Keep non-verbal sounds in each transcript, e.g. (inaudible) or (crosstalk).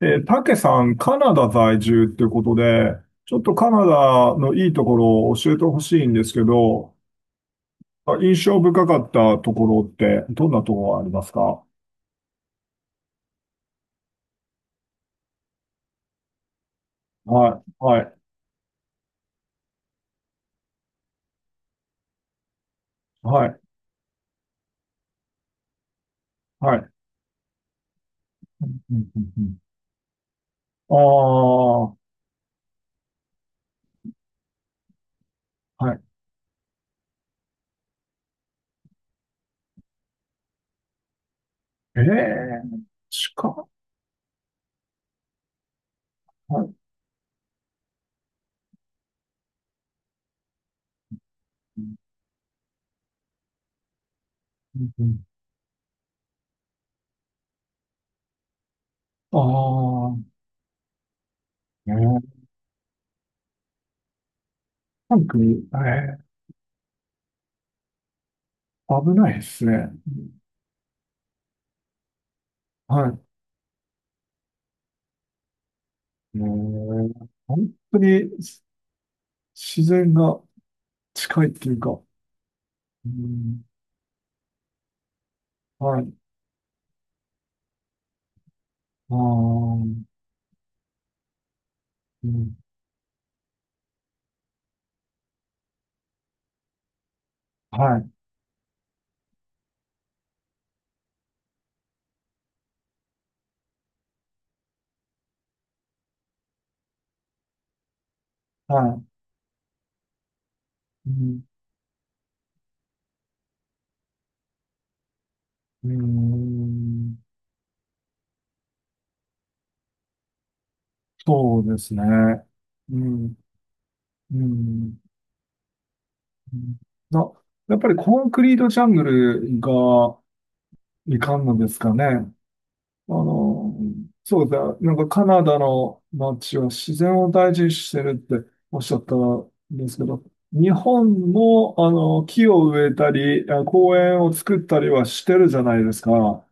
で、たけさん、カナダ在住っていうことで、ちょっとカナダのいいところを教えてほしいんですけど、印象深かったところって、どんなところがありますか？はい、はい、はい、はい。うん、うん、うん。ああ、はい。ええ、近っ。はい。うん、うん。ああ、えー、なんか、ええ、危ないですね。はい。ええ、本当に自然が近いっていうか、うん、はい。ああ、うん、はい。はい。うん、うん、そうですね。うん、うん、うん。な、やっぱりコンクリートジャングルがいかんのですかね。あの、そうだ。なんかカナダの街は自然を大事にしてるっておっしゃったんですけど、日本もあの木を植えたり、公園を作ったりはしてるじゃないですか。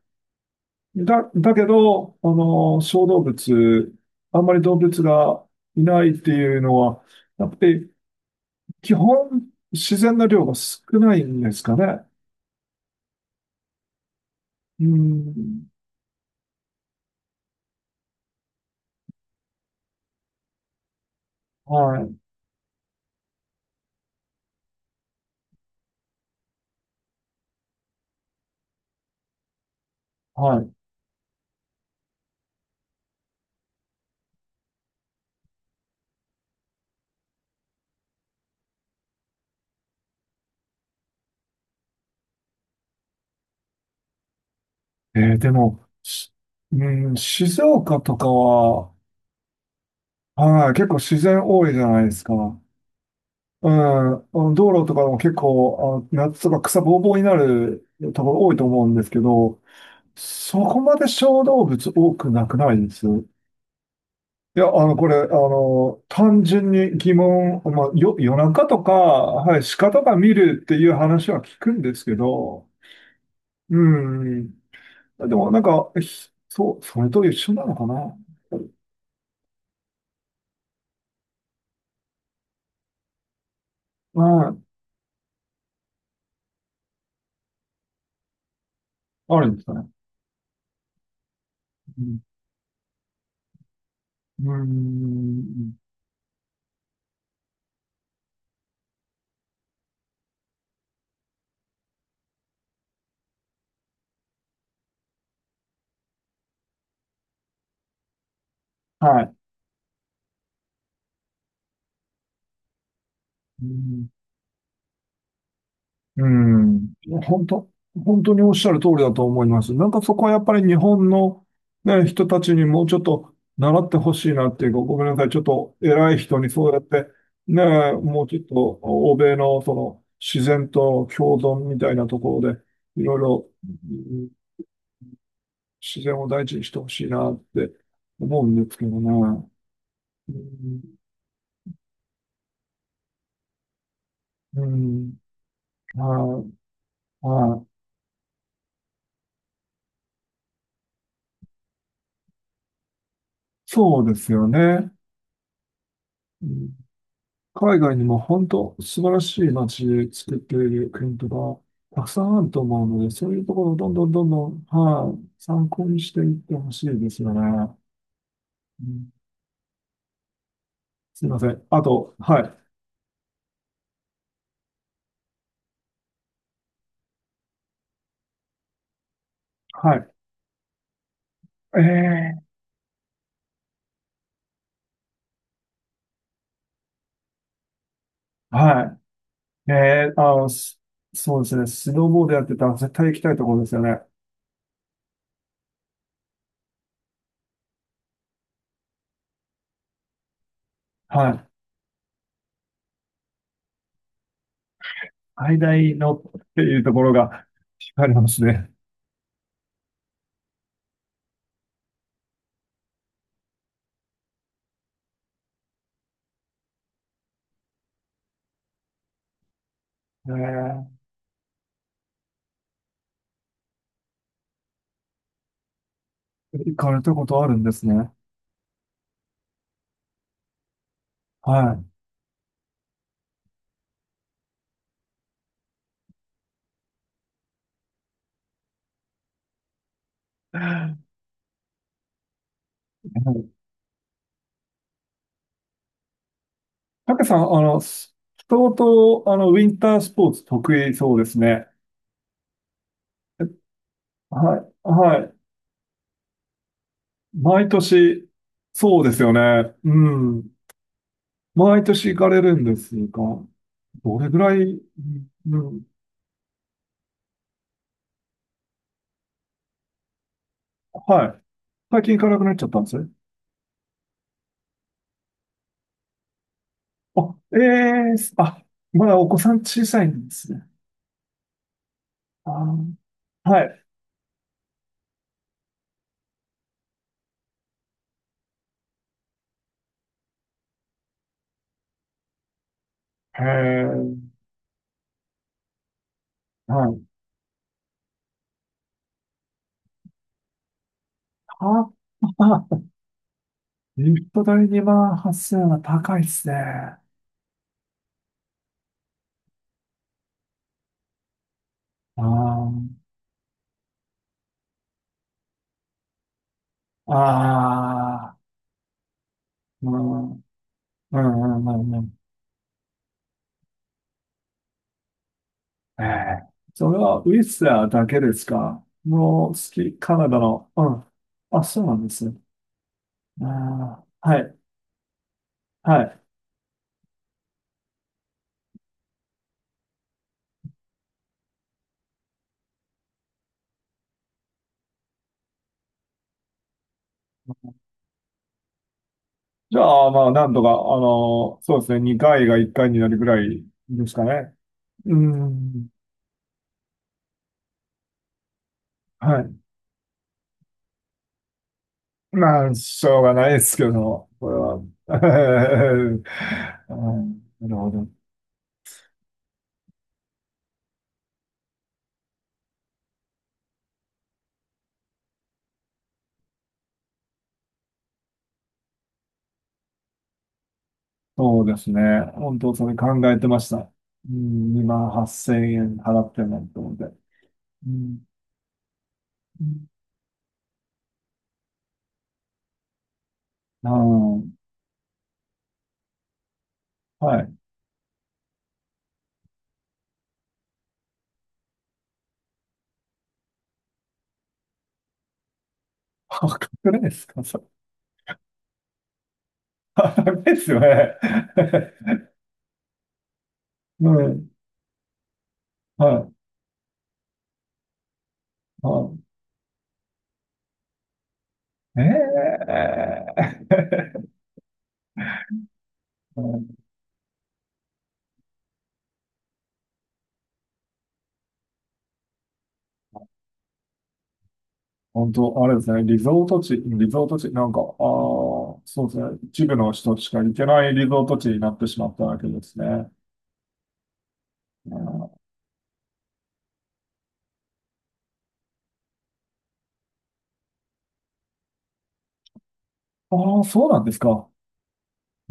だけど、あの、小動物、あんまり動物がいないっていうのは、やっぱり基本、自然の量が少ないんですかね。うん、はい、はい。でも、うん、静岡とかは、はい、結構自然多いじゃないですか。うん、あの道路とかも結構、あの、夏とか草ぼうぼうになるところ多いと思うんですけど、そこまで小動物多くなくないです。いや、あの、これ、あの、単純に疑問、まあ、夜中とか、はい、鹿とか見るっていう話は聞くんですけど、うん。でも、なんか、そう、それと一緒なのかな。はい。あるんですかね。うん。うん、はい。うん、うん。本当、本当におっしゃる通りだと思います。なんかそこはやっぱり日本の、ね、人たちにもうちょっと習ってほしいなっていうか、ごめんなさい。ちょっと偉い人にそうやって、ね、もうちょっと欧米のその自然と共存みたいなところで、いろいろん自然を大事にしてほしいなって思うんですけどね。うん、うん、はい、はい、そうですよね。うん。海外にも本当素晴らしい街で作っている国とか、たくさんあると思うので、そういうところをどんどんどんどん、はい、参考にしていってほしいですよね。うん。すいません。あと、はい、はい。ええ、はい。そうですね。スノーボードやってたら絶対行きたいところですよね。はい。最大のっていうところが惹かれますね。ええ、行かれたことあるんですね。はい。(laughs) たけさん、あの、相当、あの、ウィンタースポーツ得意そうですね。えはい、はい。毎年、そうですよね。うん。毎年行かれるんですが、どれぐらい、うん、うん、はい。最近行かなくなっちゃったんですね。あ、ええ、あ、まだお子さん小さいんですね。あー、はい。へえ、はい。あ、あ、リフト代万8 0はっせんは高いですね。ああ、ああ、うん、うん、うん、うん。うん、ええ。それはウィスラーだけですか？もう好き、カナダの。うん。あ、そうなんですね。ああ、はい、はい。じゃあ、まあ、なんとか、あの、そうですね、2回が1回になるぐらいですかね。うん、はい。まあ、しょうがないですけど、これは。(laughs) うん、なるほど。そうですね。本当、それ考えてました。うん、2万8000円払ってもと思って。うん。うん。はい。破格ですかそれ？(laughs) 破格ですよね。(laughs) うん。はい。はい。ええ (laughs) うん、本当、あれですね。リゾート地、リゾート地、なんか、ああ、そうですね。一部の人しか行けないリゾート地になってしまったわけですね。ああー、そうなんですか。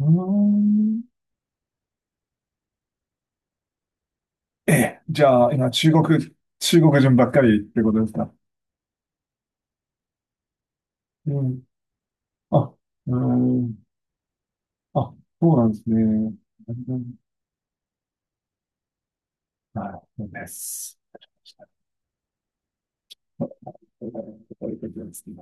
うーん。ええ、じゃあ、今、中国人ばっかりってことですか？うん。あ、うん。あ、そうなんですね。なるほどい、そうです。そういうことですね。